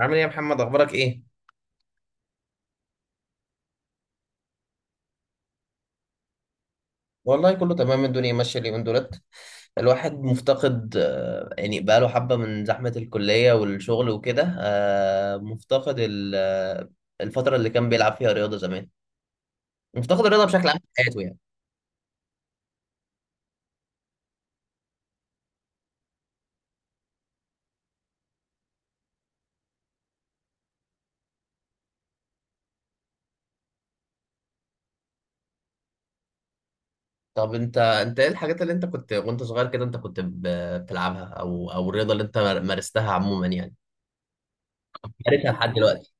عامل ايه يا محمد اخبارك ايه؟ والله كله تمام، الدنيا ماشيه اليومين دولت. الواحد مفتقد، يعني بقاله حبه، من زحمه الكليه والشغل وكده، آه، مفتقد ال- آه، الفتره اللي كان بيلعب فيها رياضه زمان. مفتقد الرياضه بشكل عام في حياته يعني. طب انت ايه الحاجات اللي انت كنت وانت صغير كده انت كنت بتلعبها، او الرياضه اللي انت مارستها عموما يعني، مارسها لحد دلوقتي؟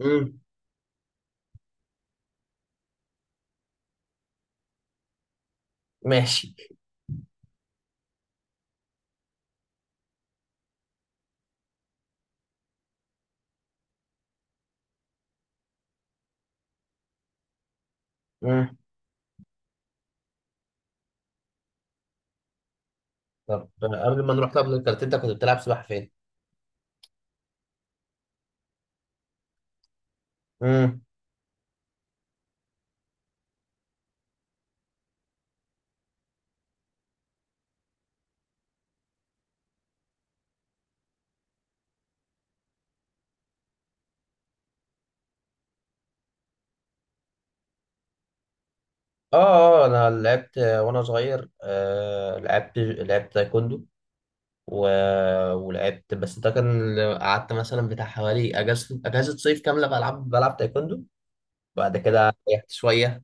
امم. ماشي. امم. طب قبل ما نروح طب للكاراتيه، انت كنت بتلعب سباحه فين؟ امم. اه. اه انا لعبت وانا صغير، لعبت تايكوندو، و... ولعبت، بس ده كان قعدت مثلا بتاع حوالي اجازه صيف كامله بلعب تايكوندو. بعد كده ريحت شويه.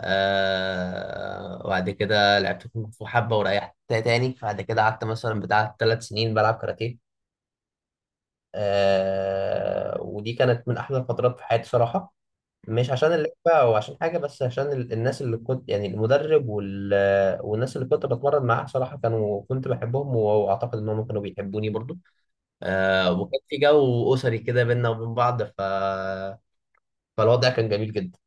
وبعد كده لعبت كونغ فو حبه، وريحت تاني. بعد كده قعدت مثلا بتاع 3 سنين بلعب كاراتيه. ودي كانت من احلى الفترات في حياتي صراحه. مش عشان اللعبة أو عشان حاجة، بس عشان الناس اللي كنت، يعني المدرب والناس اللي كنت بتمرن معاها صراحة، كانوا كنت بحبهم، وأعتقد إنهم كانوا بيحبوني برضو. وكان في جو أسري كده بينا وبين بعض، فالوضع كان جميل جدا.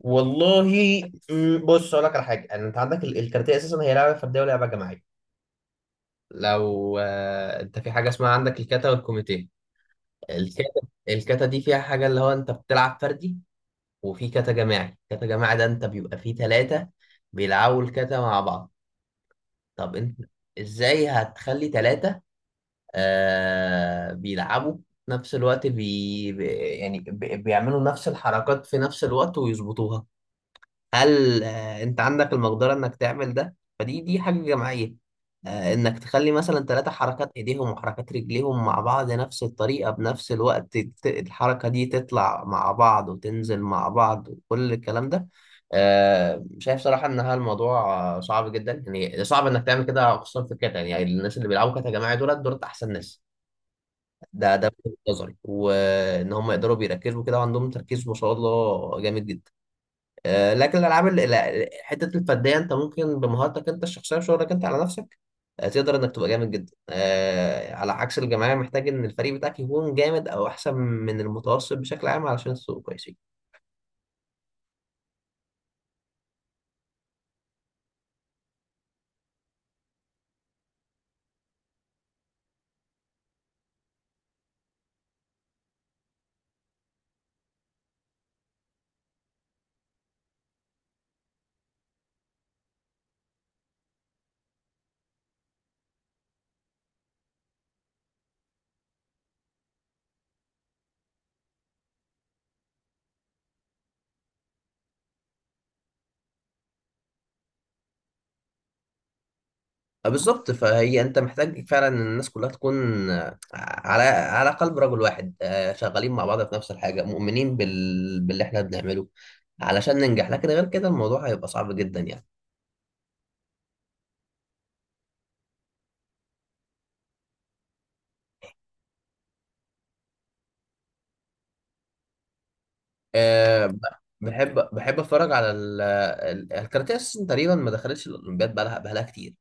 والله، بص أقول لك على حاجة. يعني أنت عندك الكاراتيه أساسا هي لعبة فردية ولعبة جماعية. لو أنت في حاجة اسمها، عندك الكاتا والكوميتيه. الكاتا. الكاتا دي فيها حاجة اللي هو أنت بتلعب فردي، وفي كاتا جماعي. كاتا جماعي ده انت بيبقى فيه تلاتة بيلعبوا الكاتا مع بعض. طب انت ازاي هتخلي تلاتة بيلعبوا في نفس الوقت؟ يعني بيعملوا نفس الحركات في نفس الوقت ويظبطوها. هل انت عندك المقدره انك تعمل ده؟ فدي حاجه جماعيه، انك تخلي مثلا 3 حركات ايديهم وحركات رجليهم مع بعض، نفس الطريقه بنفس الوقت، الحركه دي تطلع مع بعض وتنزل مع بعض وكل الكلام ده. شايف صراحه ان هذا الموضوع صعب جدا. يعني صعب انك تعمل كده، خصوصا في الكاتا. يعني الناس اللي بيلعبوا كاتا جماعي دولت احسن ناس. ده من وجهة نظري، وان هم يقدروا بيركزوا كده، وعندهم تركيز ما شاء الله جامد جدا. لكن الالعاب حته الفرديه، انت ممكن بمهارتك انت الشخصيه وشغلك انت على نفسك تقدر انك تبقى جامد جدا، على عكس الجماعيه محتاج ان الفريق بتاعك يكون جامد، او احسن من المتوسط بشكل عام، علشان تبقى كويسين. بالظبط، فهي انت محتاج فعلا ان الناس كلها تكون على قلب رجل واحد، شغالين مع بعض في نفس الحاجه، مؤمنين باللي احنا بنعمله علشان ننجح. لكن غير كده الموضوع هيبقى صعب جدا يعني. أه ب- بحب اتفرج على الكاراتيه اساسا. تقريبا ما دخلتش الاولمبياد بقالها كتير.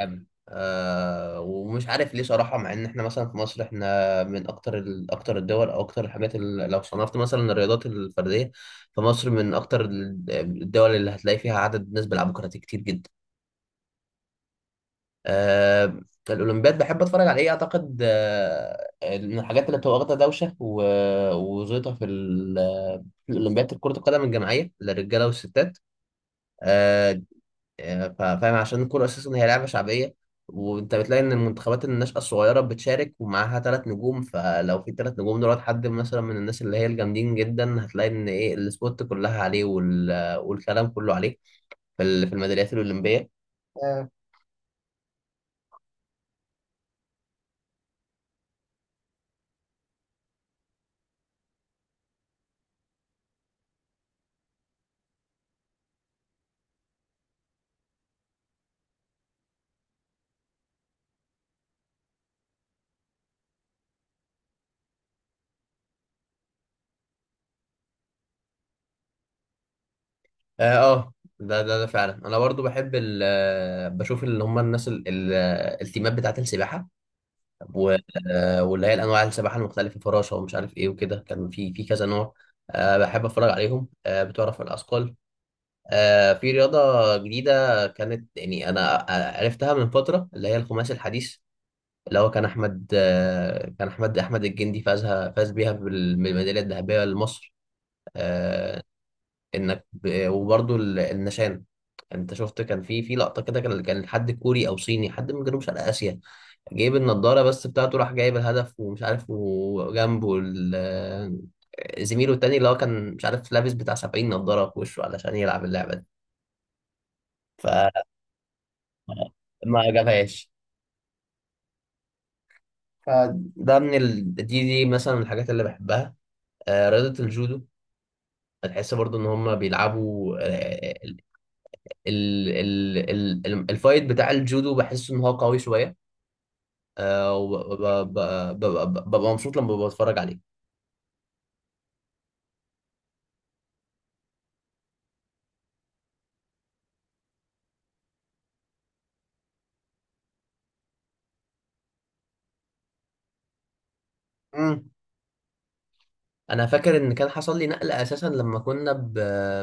أوي. ومش عارف ليه صراحه، مع ان احنا مثلا في مصر احنا من اكتر اكتر الدول، او اكتر الحاجات اللي لو صنفت مثلا الرياضات الفرديه، فمصر من اكتر الدول اللي هتلاقي فيها عدد ناس بيلعبوا كاراتيه كتير جدا. آه، الاولمبياد بحب اتفرج على ايه؟ اعتقد من الحاجات اللي بتبقى واخده دوشه وزيطه في في الاولمبياد كره القدم الجماعيه للرجاله والستات. آه، فاهم، عشان الكره اساسا هي لعبه شعبيه، وانت بتلاقي ان المنتخبات الناشئه الصغيره بتشارك ومعاها 3 نجوم. فلو في 3 نجوم دولت حد مثلا من الناس اللي هي الجامدين جدا، هتلاقي ان ايه، السبوت كلها عليه والكلام كله عليه في في الميداليات الاولمبيه. اه. آه، ده فعلا انا برضو بحب ال آه، بشوف اللي هم الناس التيمات بتاعه السباحه، و- واللي هي الانواع السباحه المختلفه، فراشه ومش عارف ايه وكده، كان في كذا نوع. بحب اتفرج عليهم بتوع رفع الاثقال. في رياضه جديده كانت، يعني انا عرفتها من فتره، اللي هي الخماسي الحديث، اللي هو كان احمد آه، كان احمد احمد الجندي، فاز بيها بالميداليه الذهبيه لمصر. آه، انك وبرضه النشان، انت شفت كان في لقطه كده، كان حد كوري او صيني، حد من جنوب شرق اسيا، جايب النضاره بس بتاعته، راح جايب الهدف ومش عارف، وجنبه زميله التاني اللي هو كان، مش عارف، لابس بتاع 70 نضاره في وشه علشان يلعب اللعبه دي، فما جابهاش. فده من دي مثلا من الحاجات اللي بحبها. رياضه الجودو، بتحس برضو ان هم بيلعبوا الفايت بتاع الجودو، بحس ان هو قوي شويه. آه، وب- ب- ب- ب- ببقى مبسوط لما بتفرج عليه. مم. انا فاكر ان كان حصل لي نقله اساسا لما كنا ب...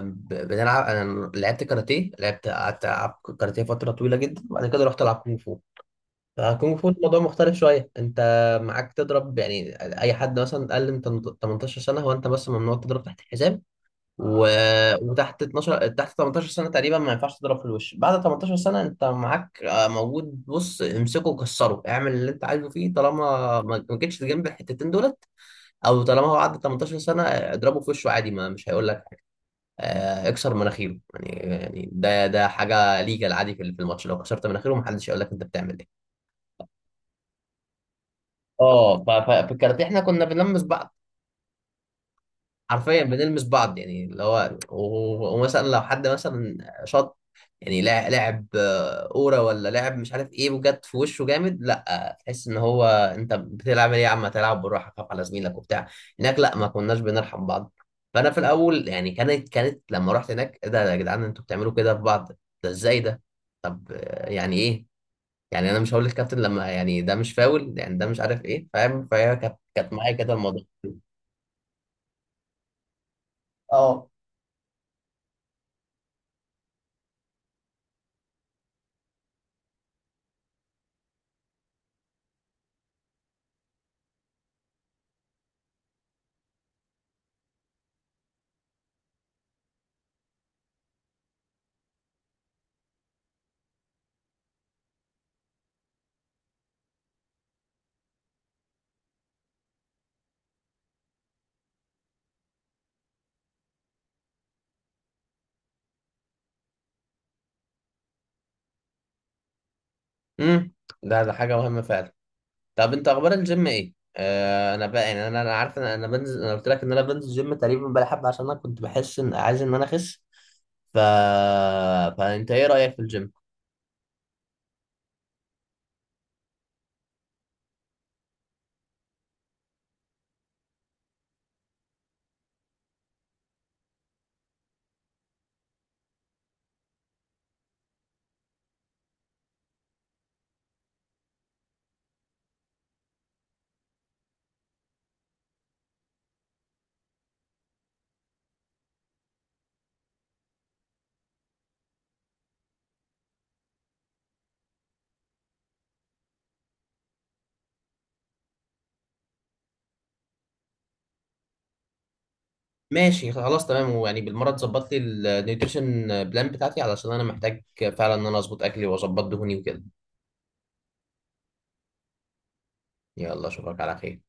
ب... بنلعب. انا لعبت كاراتيه، قعدت العب كاراتيه فتره طويله جدا، وبعد كده رحت العب كونغ فو. فكونغ فو الموضوع مختلف شويه، انت معاك تضرب يعني. اي حد مثلا اقل من 18 سنه، هو انت بس ممنوع تضرب تحت الحزام، و... وتحت 12، تحت 18 سنة تقريبا ما ينفعش تضرب في الوش. بعد 18 سنة انت معاك موجود، بص امسكه وكسره، اعمل اللي انت عايزه فيه طالما ما جيتش جنب الحتتين دولت. او طالما هو عدى 18 سنة، اضربه في وشه عادي، ما مش هيقول لك. اكسر مناخيره يعني. يعني ده حاجة ليجال عادي، في الماتش لو كسرت مناخيره ما حدش هيقول لك انت بتعمل ايه. اه، في الكاراتيه احنا كنا بنلمس بعض، حرفيا بنلمس بعض. يعني اللي هو، ومثلا لو حد مثلا شاط، يعني لاعب كوره ولا لاعب مش عارف ايه، وجت في وشه جامد، لا، تحس ان هو، انت بتلعب ايه يا عم، تلعب بالراحه، خاف على زميلك وبتاع. هناك لا، ما كناش بنرحم بعض. فانا في الاول يعني كانت لما رحت هناك، ايه ده يا جدعان، انتوا بتعملوا كده في بعض؟ ده ازاي ده؟ طب يعني ايه، يعني انا مش هقول للكابتن لما يعني ده مش فاول يعني، ده مش عارف ايه، فاهم؟ فهي كانت معايا كده الموضوع. اه. امم. ده حاجه مهمه فعلا. طب انت اخبار الجيم ايه؟ انا بقى يعني، انا عارف ان انا بنزل، انا قلت لك ان انا بنزل جيم تقريبا بقالي حبه، عشان انا كنت بحس ان عايز ان انا اخس. ف فانت ايه رايك في الجيم؟ ماشي، خلاص تمام. ويعني بالمره تظبط لي النيوتريشن بلان بتاعتي، علشان انا محتاج فعلا ان انا اظبط اكلي واظبط دهوني وكده. يلا اشوفك على خير.